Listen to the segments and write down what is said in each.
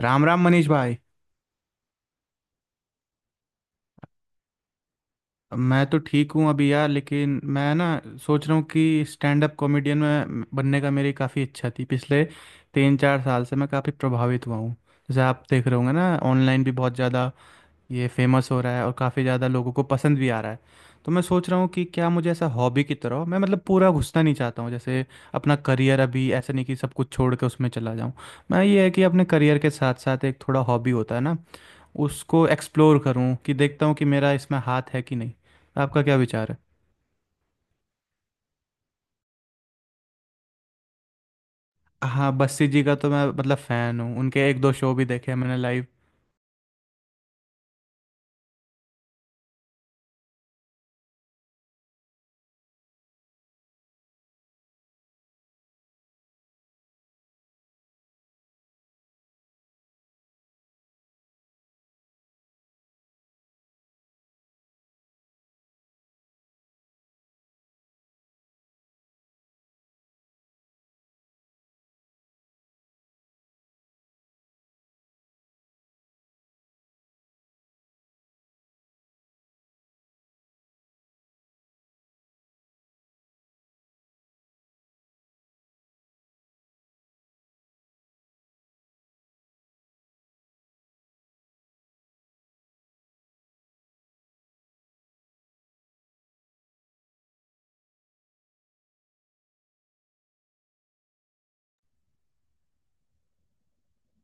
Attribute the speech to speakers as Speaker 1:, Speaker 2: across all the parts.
Speaker 1: राम राम मनीष भाई। मैं तो ठीक हूँ अभी यार, लेकिन मैं ना सोच रहा हूँ कि स्टैंड अप कॉमेडियन में बनने का मेरी काफ़ी इच्छा थी, पिछले 3-4 साल से मैं काफ़ी प्रभावित हुआ हूँ। जैसे आप देख रहे होंगे ना, ऑनलाइन भी बहुत ज़्यादा ये फेमस हो रहा है और काफ़ी ज़्यादा लोगों को पसंद भी आ रहा है। तो मैं सोच रहा हूँ कि क्या मुझे ऐसा हॉबी की तरह, मैं मतलब पूरा घुसना नहीं चाहता हूँ, जैसे अपना करियर अभी, ऐसा नहीं कि सब कुछ छोड़ के उसमें चला जाऊँ। मैं ये है कि अपने करियर के साथ साथ एक थोड़ा हॉबी होता है ना, उसको एक्सप्लोर करूं कि देखता हूं कि मेरा इसमें हाथ है कि नहीं। आपका क्या विचार है? हाँ, बस्सी जी का तो मैं मतलब फ़ैन हूँ, उनके एक दो शो भी देखे हैं मैंने लाइव।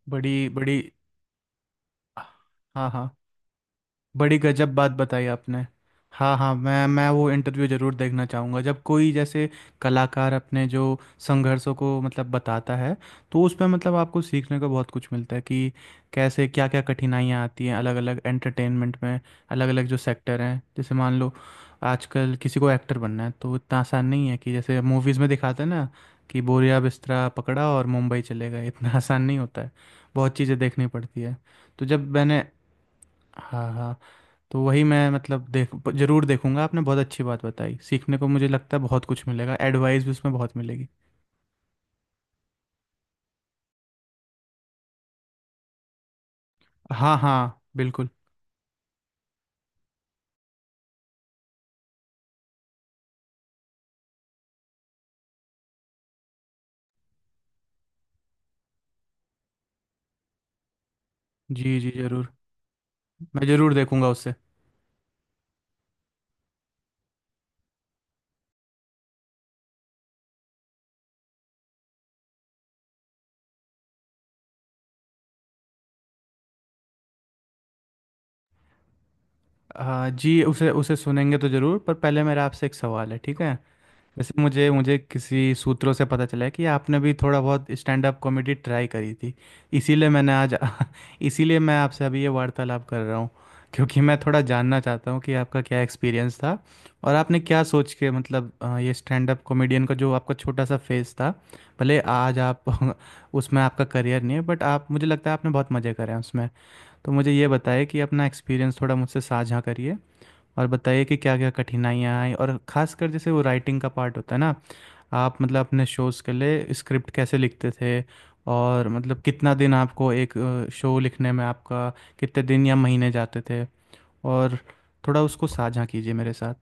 Speaker 1: बड़ी बड़ी। हाँ हाँ, बड़ी गजब बात बताई आपने। हाँ हाँ, मैं वो इंटरव्यू ज़रूर देखना चाहूँगा, जब कोई जैसे कलाकार अपने जो संघर्षों को मतलब बताता है, तो उसमें मतलब आपको सीखने को बहुत कुछ मिलता है कि कैसे क्या क्या कठिनाइयाँ आती हैं, अलग अलग एंटरटेनमेंट में, अलग अलग जो सेक्टर हैं। जैसे मान लो, आजकल किसी को एक्टर बनना है तो इतना आसान नहीं है, कि जैसे मूवीज़ में दिखाते हैं ना, कि बोरिया बिस्तरा पकड़ा और मुंबई चले गए, इतना आसान नहीं होता है, बहुत चीज़ें देखनी पड़ती है। तो जब मैंने। हाँ हाँ। तो वही मैं मतलब देख जरूर देखूंगा, आपने बहुत अच्छी बात बताई, सीखने को मुझे लगता है बहुत कुछ मिलेगा, एडवाइस भी उसमें बहुत मिलेगी। हाँ हाँ बिल्कुल। जी जी जरूर। मैं जरूर देखूंगा उसे। हाँ जी, उसे उसे सुनेंगे तो जरूर, पर पहले मेरा आपसे एक सवाल है, ठीक है? वैसे मुझे मुझे किसी सूत्रों से पता चला है कि आपने भी थोड़ा बहुत स्टैंड अप कॉमेडी ट्राई करी थी, इसीलिए मैंने आज इसीलिए मैं आपसे अभी ये वार्तालाप कर रहा हूँ। क्योंकि मैं थोड़ा जानना चाहता हूँ कि आपका क्या एक्सपीरियंस था, और आपने क्या सोच के मतलब ये स्टैंड अप कॉमेडियन का जो आपका छोटा सा फेज था, भले आज आप उसमें आपका करियर नहीं है, बट आप, मुझे लगता है, आपने बहुत मज़े करे हैं उसमें। तो मुझे ये बताइए कि अपना एक्सपीरियंस थोड़ा मुझसे साझा करिए, और बताइए कि क्या क्या कठिनाइयाँ आई, और ख़ासकर जैसे वो राइटिंग का पार्ट होता है ना, आप मतलब अपने शोज़ के लिए स्क्रिप्ट कैसे लिखते थे, और मतलब कितना दिन आपको एक शो लिखने में आपका कितने दिन या महीने जाते थे, और थोड़ा उसको साझा कीजिए मेरे साथ।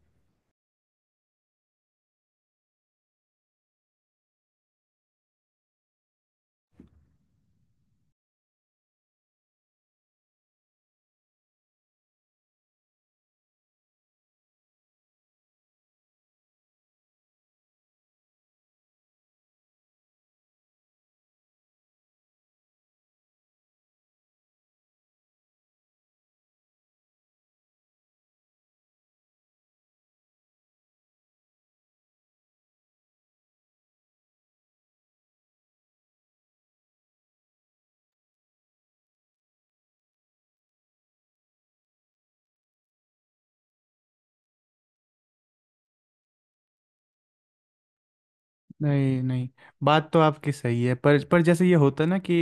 Speaker 1: नहीं नहीं। बात तो आपकी सही है, पर जैसे ये होता है ना कि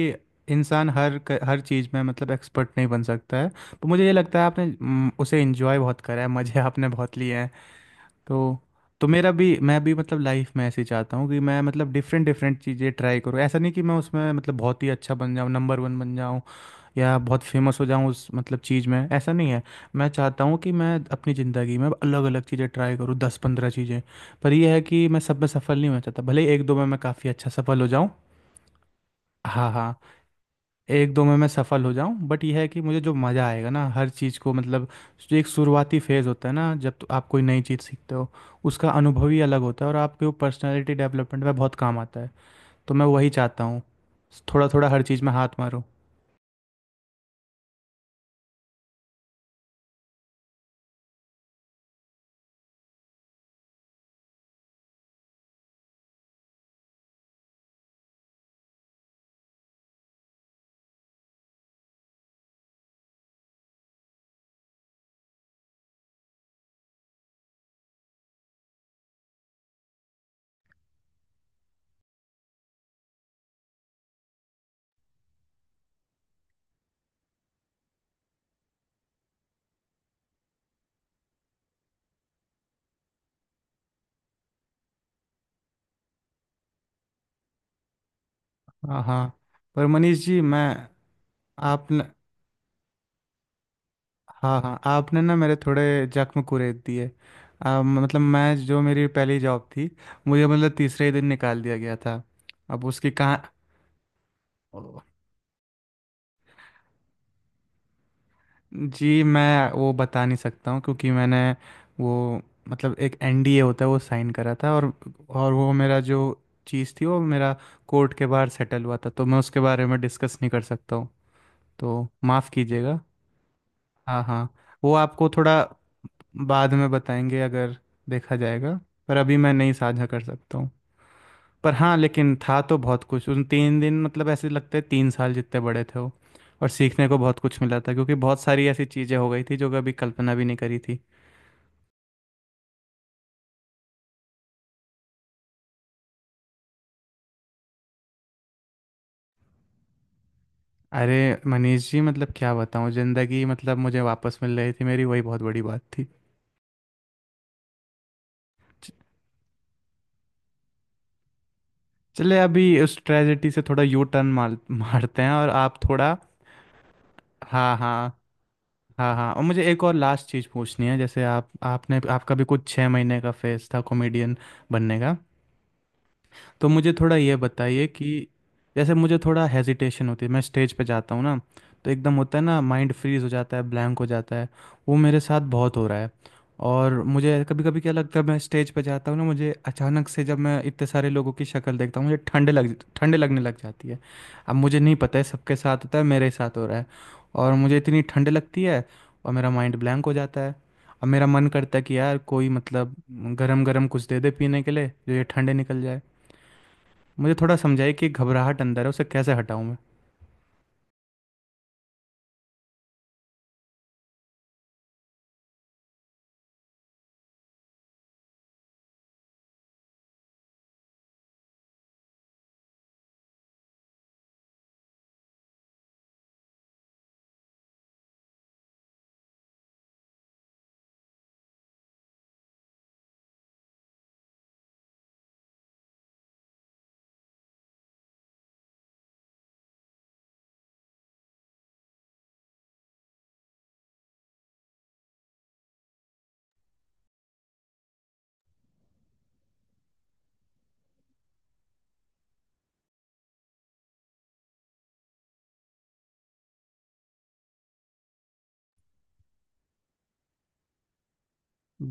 Speaker 1: इंसान हर हर चीज़ में मतलब एक्सपर्ट नहीं बन सकता है, तो मुझे ये लगता है आपने, उसे एंजॉय बहुत करा है, मज़े आपने बहुत लिए हैं। तो तो मेरा भी मैं भी मतलब लाइफ में ऐसे ही चाहता हूँ कि मैं मतलब डिफरेंट डिफरेंट चीज़ें ट्राई करूँ, ऐसा नहीं कि मैं उसमें मतलब बहुत ही अच्छा बन जाऊँ, नंबर वन बन जाऊँ या बहुत फेमस हो जाऊँ उस मतलब चीज़ में, ऐसा नहीं है। मैं चाहता हूँ कि मैं अपनी ज़िंदगी में अलग अलग चीज़ें ट्राई करूँ, 10-15 चीज़ें, पर यह है कि मैं सब में सफल नहीं होना चाहता, भले ही एक दो में मैं काफ़ी अच्छा सफल हो जाऊँ। हाँ हाँ। एक दो में मैं सफल हो जाऊं, बट यह है कि मुझे जो मज़ा आएगा ना हर चीज़ को, मतलब जो एक शुरुआती फेज़ होता है ना, जब तो आप कोई नई चीज़ सीखते हो, उसका अनुभव ही अलग होता है, और आपके वो पर्सनैलिटी डेवलपमेंट में बहुत काम आता है, तो मैं वही चाहता हूँ, थोड़ा थोड़ा हर चीज़ में हाथ मारूँ। हाँ हाँ। पर मनीष जी मैं। आपने। हाँ हाँ, आपने ना मेरे थोड़े जख्म कुरेद दिए, मतलब मैं जो मेरी पहली जॉब थी, मुझे मतलब तीसरे ही दिन निकाल दिया गया था, अब उसकी कहाँ। जी, मैं वो बता नहीं सकता हूँ, क्योंकि मैंने वो मतलब एक एनडीए होता है वो साइन करा था, और वो मेरा जो चीज़ थी, वो मेरा कोर्ट के बाहर सेटल हुआ था, तो मैं उसके बारे में डिस्कस नहीं कर सकता हूँ, तो माफ़ कीजिएगा। हाँ हाँ, वो आपको थोड़ा बाद में बताएंगे, अगर देखा जाएगा, पर अभी मैं नहीं साझा कर सकता हूँ। पर हाँ, लेकिन था तो बहुत कुछ, उन 3 दिन मतलब ऐसे लगते हैं 3 साल जितने बड़े थे वो, और सीखने को बहुत कुछ मिला था, क्योंकि बहुत सारी ऐसी चीज़ें हो गई थी जो कभी कल्पना भी नहीं करी थी। अरे मनीष जी, मतलब क्या बताऊँ, ज़िंदगी मतलब मुझे वापस मिल रही थी मेरी, वही बहुत बड़ी बात थी। च- चले अभी उस ट्रेजेडी से थोड़ा यू टर्न मारते हैं, और आप थोड़ा। हाँ हाँ हाँ हाँ, और मुझे एक और लास्ट चीज़ पूछनी है, जैसे आप आपने आपका भी कुछ 6 महीने का फेज था कॉमेडियन बनने का, तो मुझे थोड़ा ये बताइए कि जैसे मुझे थोड़ा हेजिटेशन होती है, मैं स्टेज पे जाता हूँ ना तो एकदम होता है ना, माइंड फ्रीज हो जाता है, ब्लैंक हो जाता है, वो मेरे साथ बहुत हो रहा है। और मुझे कभी कभी क्या लगता है, मैं स्टेज पे जाता हूँ ना, मुझे अचानक से जब मैं इतने सारे लोगों की शक्ल देखता हूँ, मुझे ठंड लगने लग जाती है, अब मुझे नहीं पता है सबके साथ होता है, मेरे साथ हो रहा है, और मुझे इतनी ठंड लगती है, और मेरा माइंड ब्लैंक हो जाता है। अब मेरा मन करता है कि यार कोई मतलब गरम गरम कुछ दे दे पीने के लिए, जो ये ठंडे निकल जाए, मुझे थोड़ा समझाइए कि घबराहट अंदर है उसे कैसे हटाऊं मैं।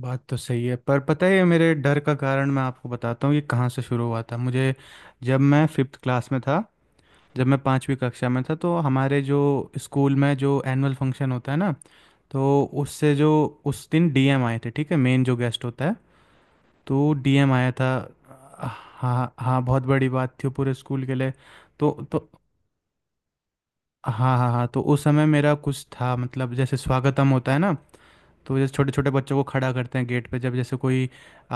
Speaker 1: बात तो सही है, पर पता है, ये मेरे डर का कारण मैं आपको बताता हूँ, ये कहाँ से शुरू हुआ था मुझे। जब मैं फिफ्थ क्लास में था, जब मैं पाँचवीं कक्षा में था, तो हमारे जो स्कूल में जो एनुअल फंक्शन होता है ना, तो उससे जो उस दिन डीएम आए थे, ठीक है, मेन जो गेस्ट होता है, तो डीएम आया था। हाँ हाँ, बहुत बड़ी बात थी वो पूरे स्कूल के लिए। तो हाँ हाँ हाँ, तो उस समय मेरा कुछ था, मतलब जैसे स्वागतम होता है ना, तो जैसे छोटे छोटे बच्चों को खड़ा करते हैं गेट पे, जब जैसे कोई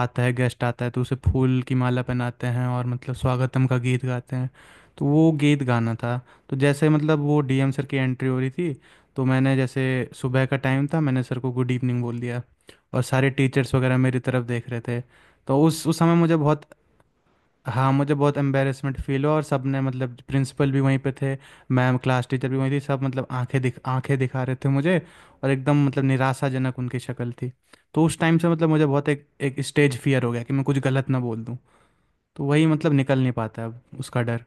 Speaker 1: आता है, गेस्ट आता है तो उसे फूल की माला पहनाते हैं और मतलब स्वागतम का गीत गाते हैं, तो वो गीत गाना था। तो जैसे मतलब वो डीएम सर की एंट्री हो रही थी, तो मैंने जैसे, सुबह का टाइम था, मैंने सर को गुड इवनिंग बोल दिया, और सारे टीचर्स वगैरह मेरी तरफ देख रहे थे। तो उस समय मुझे बहुत, हाँ, मुझे बहुत एम्बेरसमेंट फील हुआ, और सबने मतलब प्रिंसिपल भी वहीं पे थे, मैम क्लास टीचर भी वहीं थी, सब मतलब आंखें दिखा रहे थे मुझे, और एकदम मतलब निराशाजनक उनकी शक्ल थी। तो उस टाइम से मतलब मुझे बहुत एक एक स्टेज फियर हो गया कि मैं कुछ गलत ना बोल दूँ, तो वही मतलब निकल नहीं पाता अब उसका डर।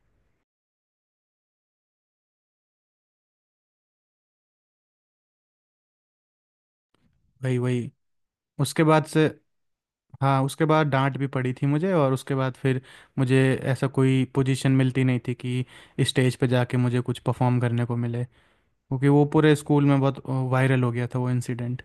Speaker 1: वही वही, उसके बाद से। हाँ, उसके बाद डांट भी पड़ी थी मुझे, और उसके बाद फिर मुझे ऐसा कोई पोजीशन मिलती नहीं थी कि स्टेज पे जाके मुझे कुछ परफॉर्म करने को मिले, क्योंकि वो पूरे स्कूल में बहुत वायरल हो गया था वो इंसिडेंट।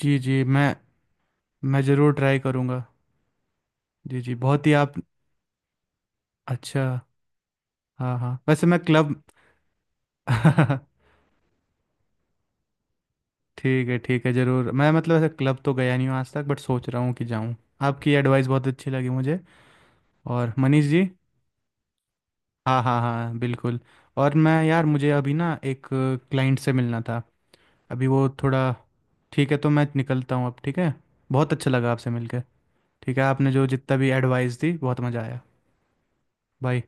Speaker 1: जी जी, मैं ज़रूर ट्राई करूँगा। जी जी, बहुत ही आप। अच्छा। हाँ हाँ, वैसे मैं क्लब ठीक है ज़रूर, मैं मतलब ऐसे क्लब तो गया नहीं हूँ आज तक, बट सोच रहा हूँ कि जाऊँ, आपकी एडवाइस बहुत अच्छी लगी मुझे। और मनीष जी, हाँ हाँ हाँ बिल्कुल, और मैं यार, मुझे अभी ना एक क्लाइंट से मिलना था, अभी वो थोड़ा, ठीक है तो मैं निकलता हूँ अब, ठीक है, बहुत अच्छा लगा आपसे मिलकर, ठीक है आपने जो जितना भी एडवाइस दी बहुत मज़ा आया, बाय।